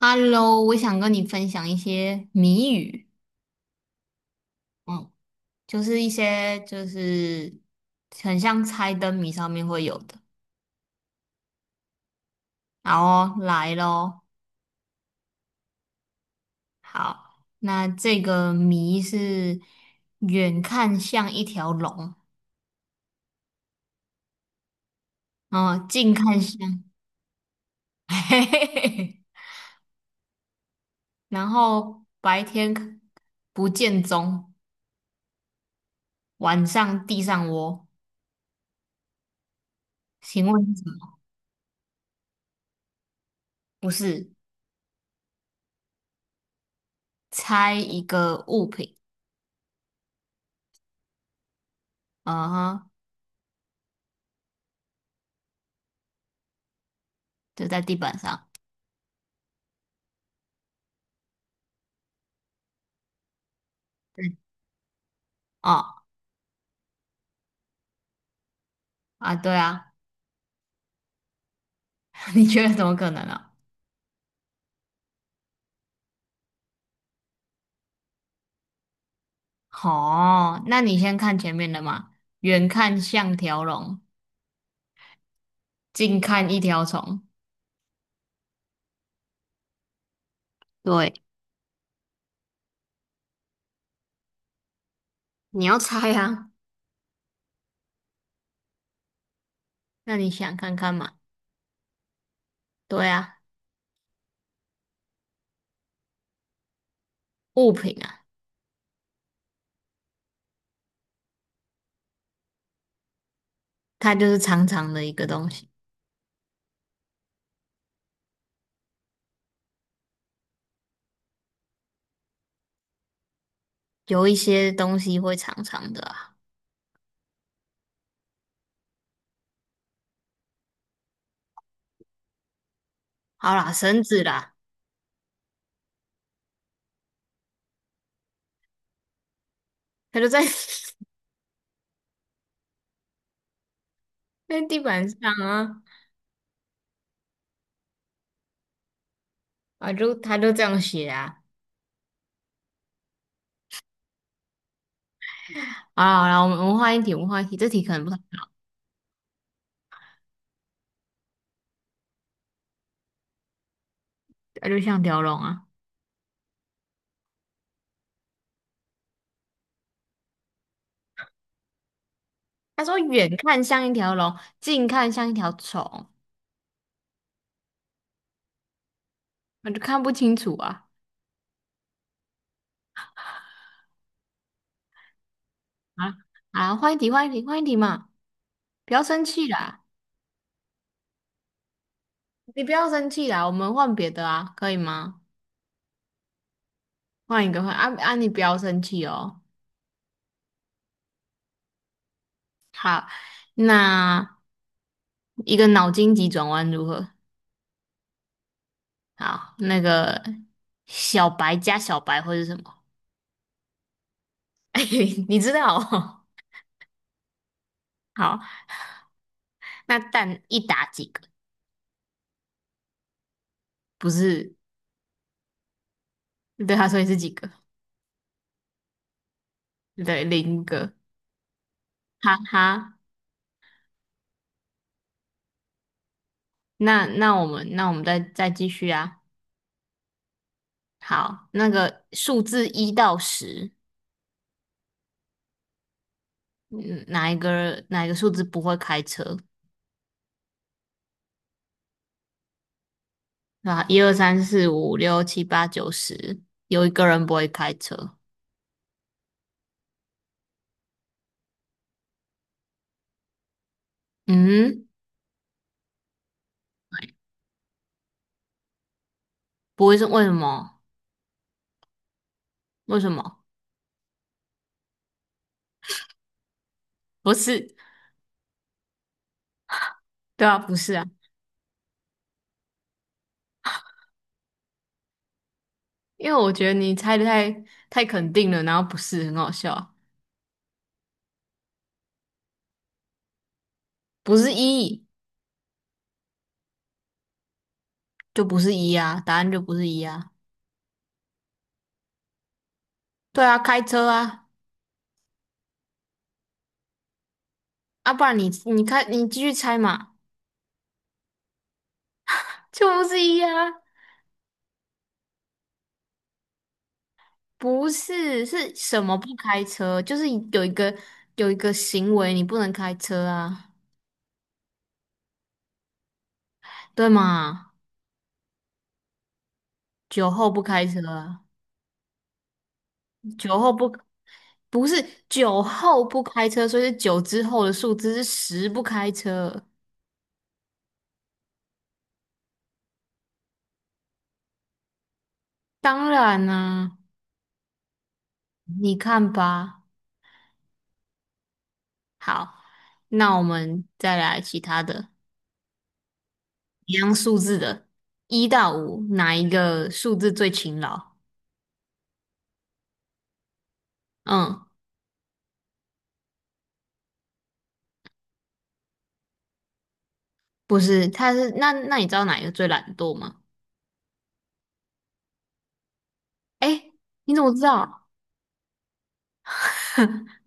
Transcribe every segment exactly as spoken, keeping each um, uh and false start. Hello，我想跟你分享一些谜语，嗯，就是一些就是很像猜灯谜上面会有的。好哦，来咯。好，那这个谜是远看像一条龙，嗯，近看像，嘿嘿嘿，然后白天不见踪，晚上地上窝。请问是什么？不是，猜一个物品，嗯哼，就在地板上。哦啊，对啊，你觉得怎么可能呢、哦，那你先看前面的嘛，远看像条龙，近看一条虫。对，你要猜啊，那你想看看嘛？对啊，物品啊，它就是长长的一个东西，有一些东西会长长的啊。好啦，绳子啦，它就在 在地板上啊，啊就它就这样写啊。啊，啦好啦，我们我们换一题，我们换一题，这题可能不太，它就像条龙啊。他说远看像一条龙，近看像一条虫，我就看不清楚啊啊啊！换一题，换一题，换一题嘛！不要生气啦，你不要生气啦，我们换别的啊，可以吗？换一个，换啊啊！你不要生气哦。好，那一个脑筋急转弯如何？好，那个小白加小白会是什么？你知道哦？好，那蛋一打几个？不是，对他说你是几个？对，零个。哈哈，那那我们那我们再再继续啊。好，那个数字一到十，嗯，哪一个哪一个数字不会开车？啊，一二三四五六七八九十，有一个人不会开车。嗯，不会是为什么？为什么？不是，对啊，不是啊，因为我觉得你猜的太太肯定了，然后不是很好笑啊，不是一就不是一啊，答案就不是一啊。对啊，开车啊，啊，不然你你开你继续猜嘛。就是呀，不是，是什么不开车？就是有一个有一个行为你不能开车啊，对吗？酒后不开车啊酒后不不是酒后不开车，所以是酒之后的数字是十不开车。当然啦、你看吧。好，那我们再来其他的，一样数字的，一到五，哪一个数字最勤劳？嗯。不是，他是那那你知道哪一个最懒惰吗？哎，你怎么知道？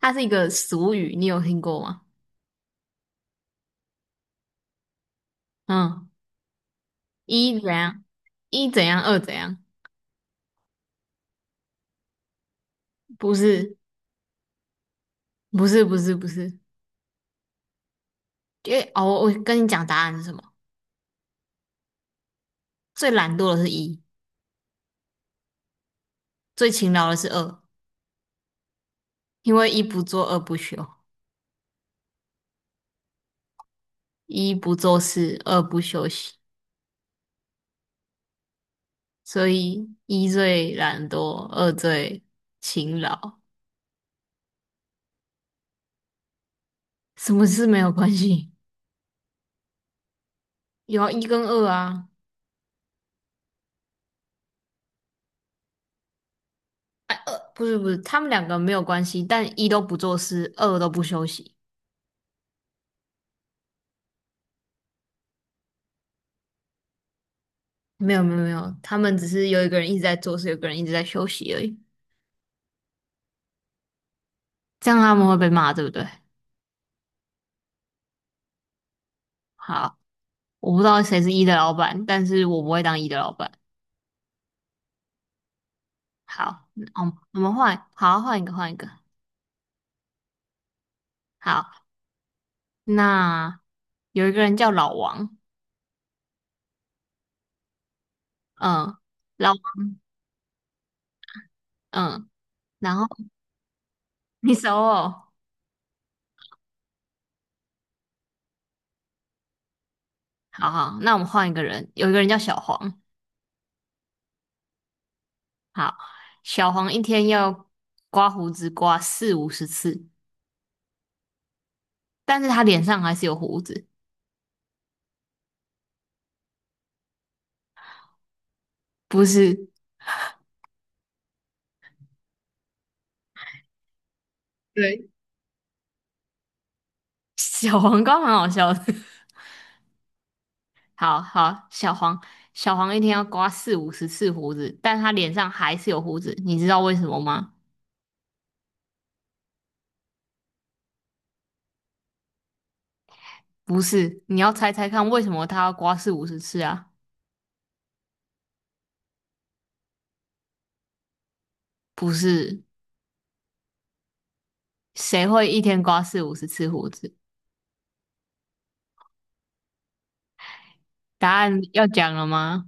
它是一个俗语，你有听过吗？嗯，一怎样，一怎样，二怎样？不是，不是，不是，不是，因为哦，我跟你讲答案是什么？最懒惰的是一，最勤劳的是二，因为一不做二不休，一不做事二不休息，所以一最懒惰，二最勤劳，什么事没有关系？有啊，一跟二啊。不是不是，他们两个没有关系，但一都不做事，二都不休息。没有没有没有，他们只是有一个人一直在做事，有一个人一直在休息而已。这样他们会被骂，对不对？好，我不知道谁是一的老板，但是我不会当一的老板。好，嗯我们我们换，好，换一个，换一个。好，那有一个人叫老王，嗯，老王，嗯，然后 你熟哦，好好，那我们换一个人，有一个人叫小黄，好，小黄一天要刮胡子刮四五十次，但是他脸上还是有胡子，不是对，小黄刮蛮好笑的。好好，小黄小黄一天要刮四五十次胡子，但他脸上还是有胡子，你知道为什么吗？不是，你要猜猜看为什么他要刮四五十次啊？不是，谁会一天刮四五十次胡子？答案要讲了吗？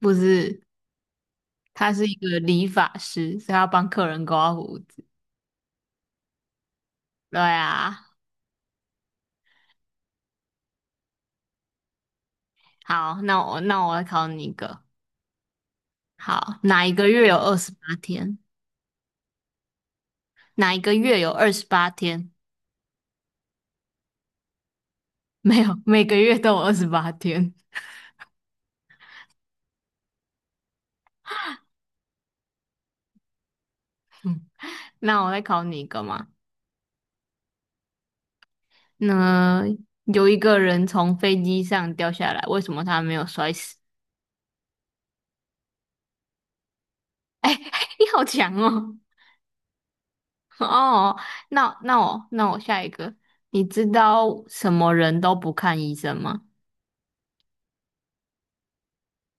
不是，他是一个理发师，所以他要帮客人刮胡子。对啊，好，那我那我来考你一个。好，哪一个月有二十八天？哪一个月有二十八天？没有，每个月都有二十八天。那我再考你一个嘛。那有一个人从飞机上掉下来，为什么他没有摔死？哎、你好强哦！哦，那那我那我下一个，你知道什么人都不看医生吗？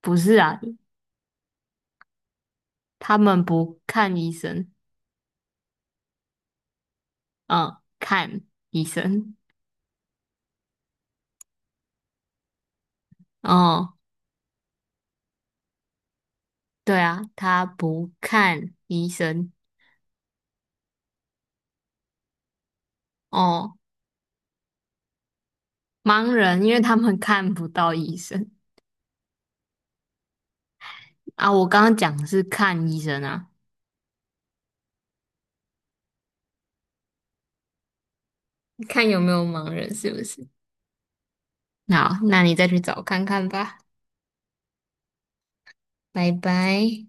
不是啊，他们不看医生，嗯，看医生。哦，对啊，他不看医生。哦，盲人，因为他们看不到医生啊。我刚刚讲的是看医生啊，看有没有盲人是不是？好，那你再去找看看吧。拜拜。